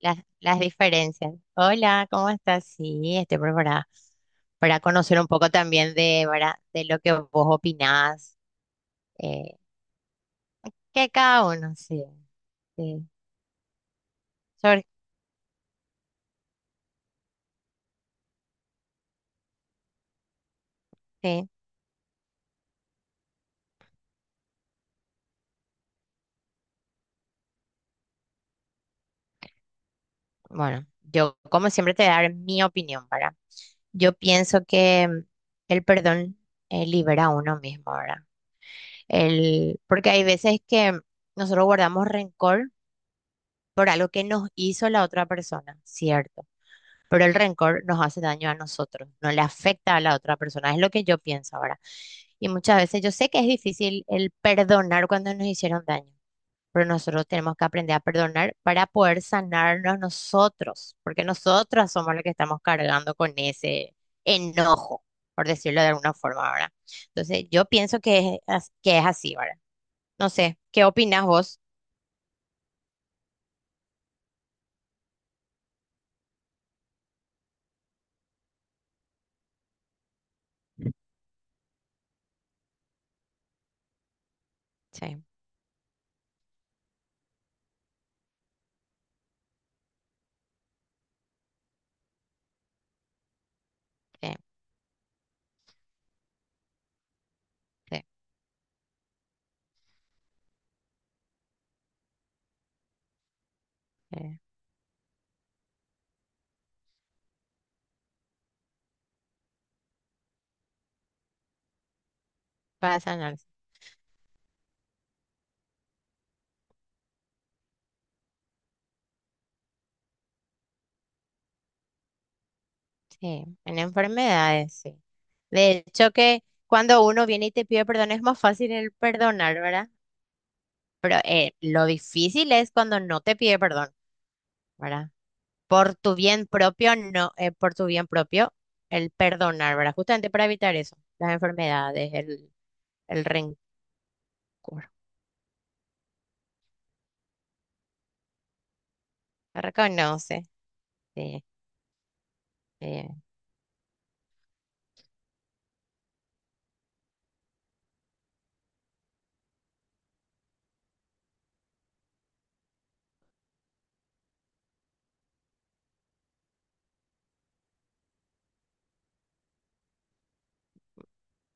Las diferencias. Hola, ¿cómo estás? Sí, estoy preparada para conocer un poco también de, ¿verdad?, de lo que vos opinás, eh, que cada uno, sí, sí, sobre, sí. Bueno, yo como siempre te voy a dar mi opinión, ¿verdad? Yo pienso que el perdón libera a uno mismo, ¿verdad? El, porque hay veces que nosotros guardamos rencor por algo que nos hizo la otra persona, ¿cierto? Pero el rencor nos hace daño a nosotros, no le afecta a la otra persona, es lo que yo pienso ahora. Y muchas veces yo sé que es difícil el perdonar cuando nos hicieron daño, pero nosotros tenemos que aprender a perdonar para poder sanarnos nosotros, porque nosotros somos los que estamos cargando con ese enojo, por decirlo de alguna forma, ¿verdad? Entonces, yo pienso que es, que es así, ¿verdad? No sé, ¿qué opinas vos? Sí, sí, sí, sí, para sanar. Sí, en enfermedades, sí. De hecho que cuando uno viene y te pide perdón es más fácil el perdonar, ¿verdad? Pero lo difícil es cuando no te pide perdón, ¿verdad? Por tu bien propio, no, por tu bien propio, el perdonar, ¿verdad? Justamente para evitar eso, las enfermedades, el rencor. Reconoce, sí, eh,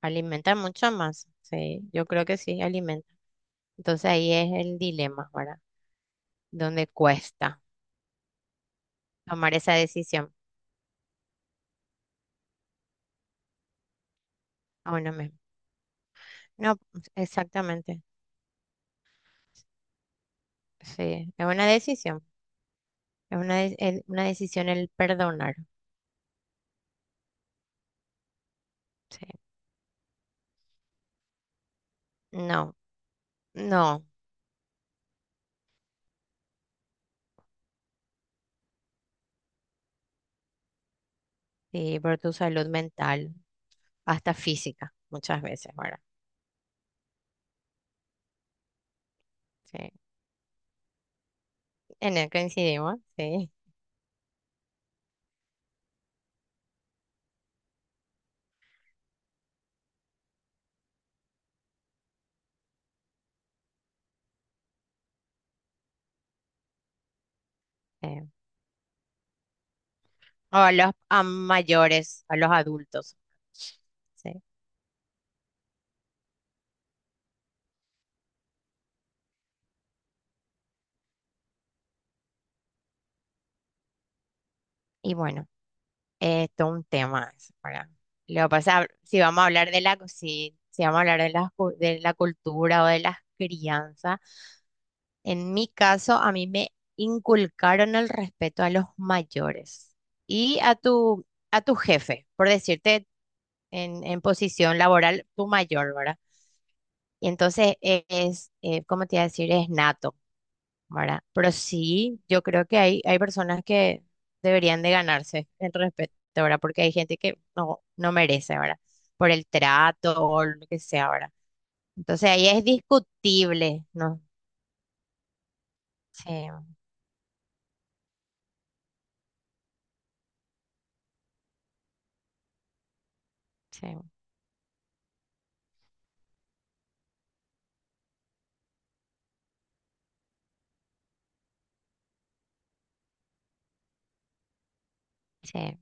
alimenta mucho más, sí, yo creo que sí, alimenta. Entonces ahí es el dilema, ¿verdad? Donde cuesta tomar esa decisión a uno mismo. No, pues, exactamente. Sí, es una decisión. Es una, una decisión el perdonar. Sí. No, no. Sí, por tu salud mental, hasta física, muchas veces, ¿verdad? Sí. En eso coincidimos, sí. Sí. O a los a mayores, a los adultos. Sí. Y bueno, esto es un tema, eso, ¿verdad? Lo que pasa, si vamos a hablar de la, si, si vamos a hablar de la, de la cultura o de las crianzas. En mi caso, a mí me inculcaron el respeto a los mayores y a tu jefe, por decirte en posición laboral, tu mayor, ¿verdad? Y entonces es, ¿cómo te iba a decir? Es nato, ¿verdad? Pero sí, yo creo que hay personas que deberían de ganarse el respeto, ¿verdad? Porque hay gente que no, no merece, ¿verdad? Por el trato o lo que sea, ¿verdad? Entonces ahí es discutible, ¿no? Sí, sí, sí.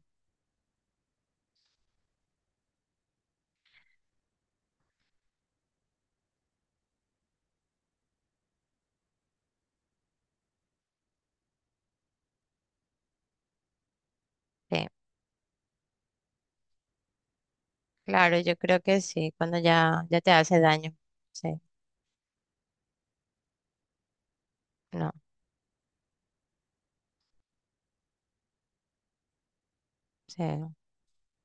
Sí. Claro, yo creo que sí, cuando ya, ya te hace daño. Sí, no, sí.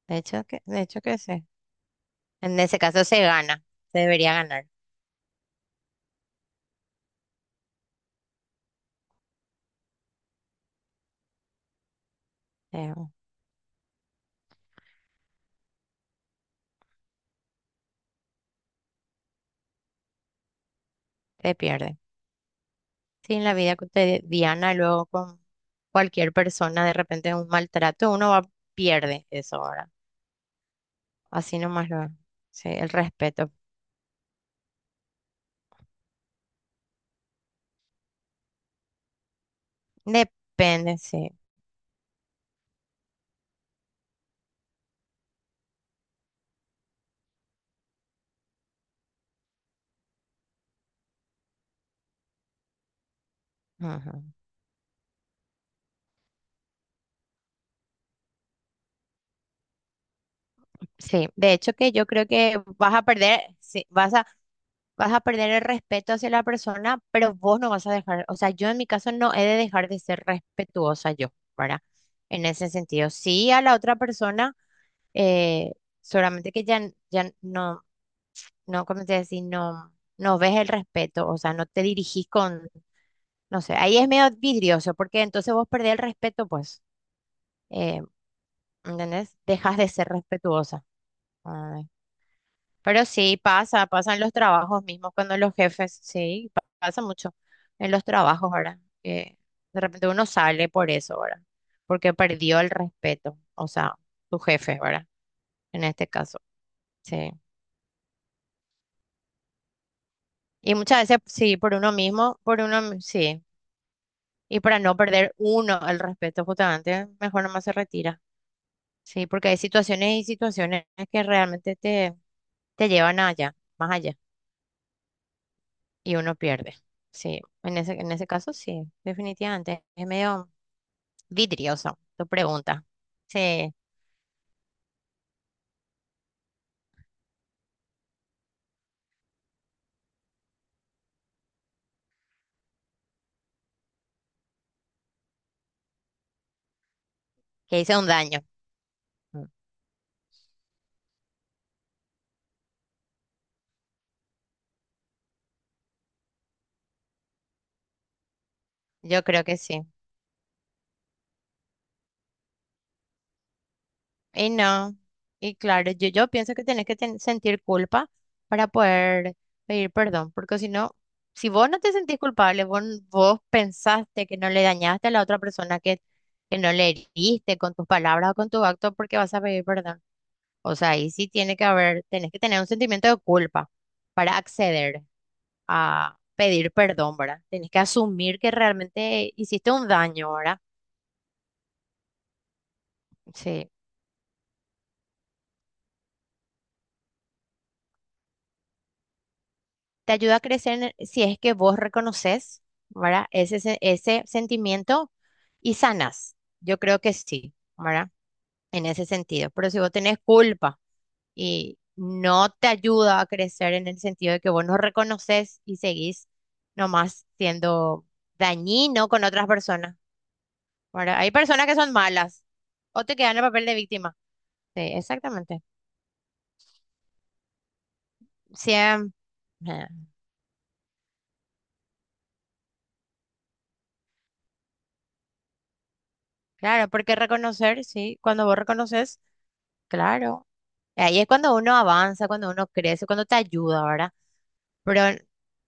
De hecho que sí. En ese caso se gana, se debería ganar. eh, Se pierde. Sí, en la vida cotidiana, luego con cualquier persona, de repente un maltrato, uno va, pierde eso ahora. Así nomás lo. Sí, el respeto. Depende, sí. Ujú. Sí, de hecho que yo creo que vas a perder, sí, vas a vas a perder el respeto hacia la persona, pero vos no vas a dejar, o sea, yo en mi caso no he de dejar de ser respetuosa yo, ¿verdad? En ese sentido, sí a la otra persona, eh, solamente que ya, ya no, no, ¿cómo te decir? No, no ves el respeto, o sea, no te dirigís con, no sé, ahí es medio vidrioso, porque entonces vos perdés el respeto, pues, eh, ¿entendés? Dejas de ser respetuosa. Ah, pero sí, pasa, pasa en los trabajos mismos, cuando los jefes, sí, pasa mucho en los trabajos, ¿verdad? Que de repente uno sale por eso, ¿verdad? Porque perdió el respeto, o sea, tu jefe, ¿verdad? En este caso, sí. Y muchas veces, sí, por uno mismo, por uno, sí. Y para no perder uno el respeto, justamente, mejor nomás se retira. Sí, porque hay situaciones y situaciones que realmente te, te llevan allá, más allá. Y uno pierde. Sí, en ese caso sí, definitivamente. Es medio vidrioso tu pregunta. Sí, que hice un daño. Mm, yo creo que sí. Y no, y claro, yo pienso que tienes que sentir culpa para poder pedir perdón, porque si no, si vos no te sentís culpable, vos, vos pensaste que no le dañaste a la otra persona, que no le heriste con tus palabras o con tu acto, ¿por qué vas a pedir perdón? O sea, ahí sí tiene que haber, tenés que tener un sentimiento de culpa para acceder a pedir perdón, ¿verdad? Tenés que asumir que realmente hiciste un daño, ¿verdad? Sí. Te ayuda a crecer si es que vos reconoces, ¿verdad? Ese, ese sentimiento y sanas. Yo creo que sí, ¿verdad? En ese sentido. Pero si vos tenés culpa y no te ayuda a crecer en el sentido de que vos no reconoces y seguís nomás siendo dañino con otras personas, ¿verdad? Hay personas que son malas o te quedan en el papel de víctima. Sí, exactamente. Siempre. Claro, porque reconocer, sí, cuando vos reconoces, claro. Ahí es cuando uno avanza, cuando uno crece, cuando te ayuda, ¿verdad? Pero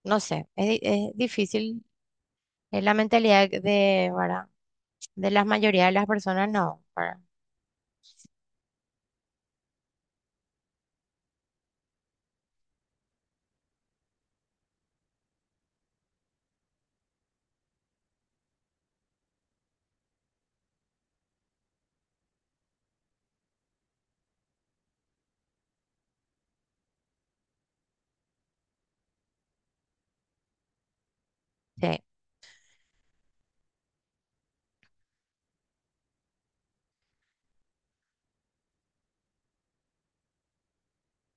no sé, es, es difícil, es la mentalidad de, ¿verdad? De la mayoría de las personas, no, ¿verdad? Sí,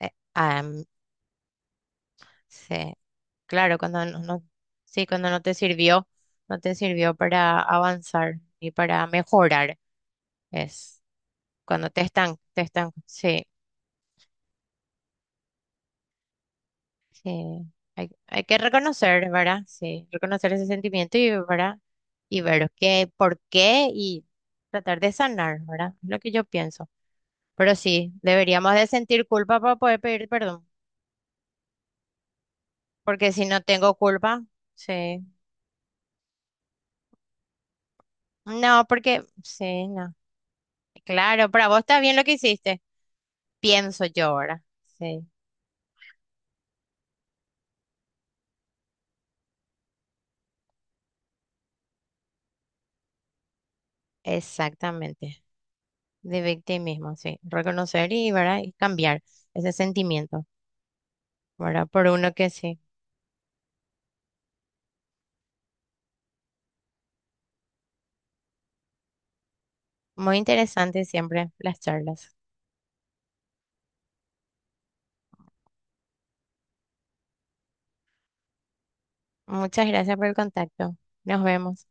eh, am- sí, claro, cuando no, sí, cuando no te sirvió, no te sirvió para avanzar ni para mejorar, es. Cuando te están sí, sí. Hay que reconocer, ¿verdad? Sí, reconocer ese sentimiento y, ¿verdad? Y ver qué, por qué y tratar de sanar, ¿verdad? Es lo que yo pienso. Pero sí, deberíamos de sentir culpa para poder pedir perdón. Porque si no tengo culpa, sí. No, porque, sí, no. Claro, para vos está bien lo que hiciste. Pienso yo ahora. Sí, exactamente. De victimismo, sí. Reconocer y, ¿verdad? Y cambiar ese sentimiento. ¿Verdad? Por uno que sí. Muy interesante siempre las charlas. Muchas gracias por el contacto. Nos vemos.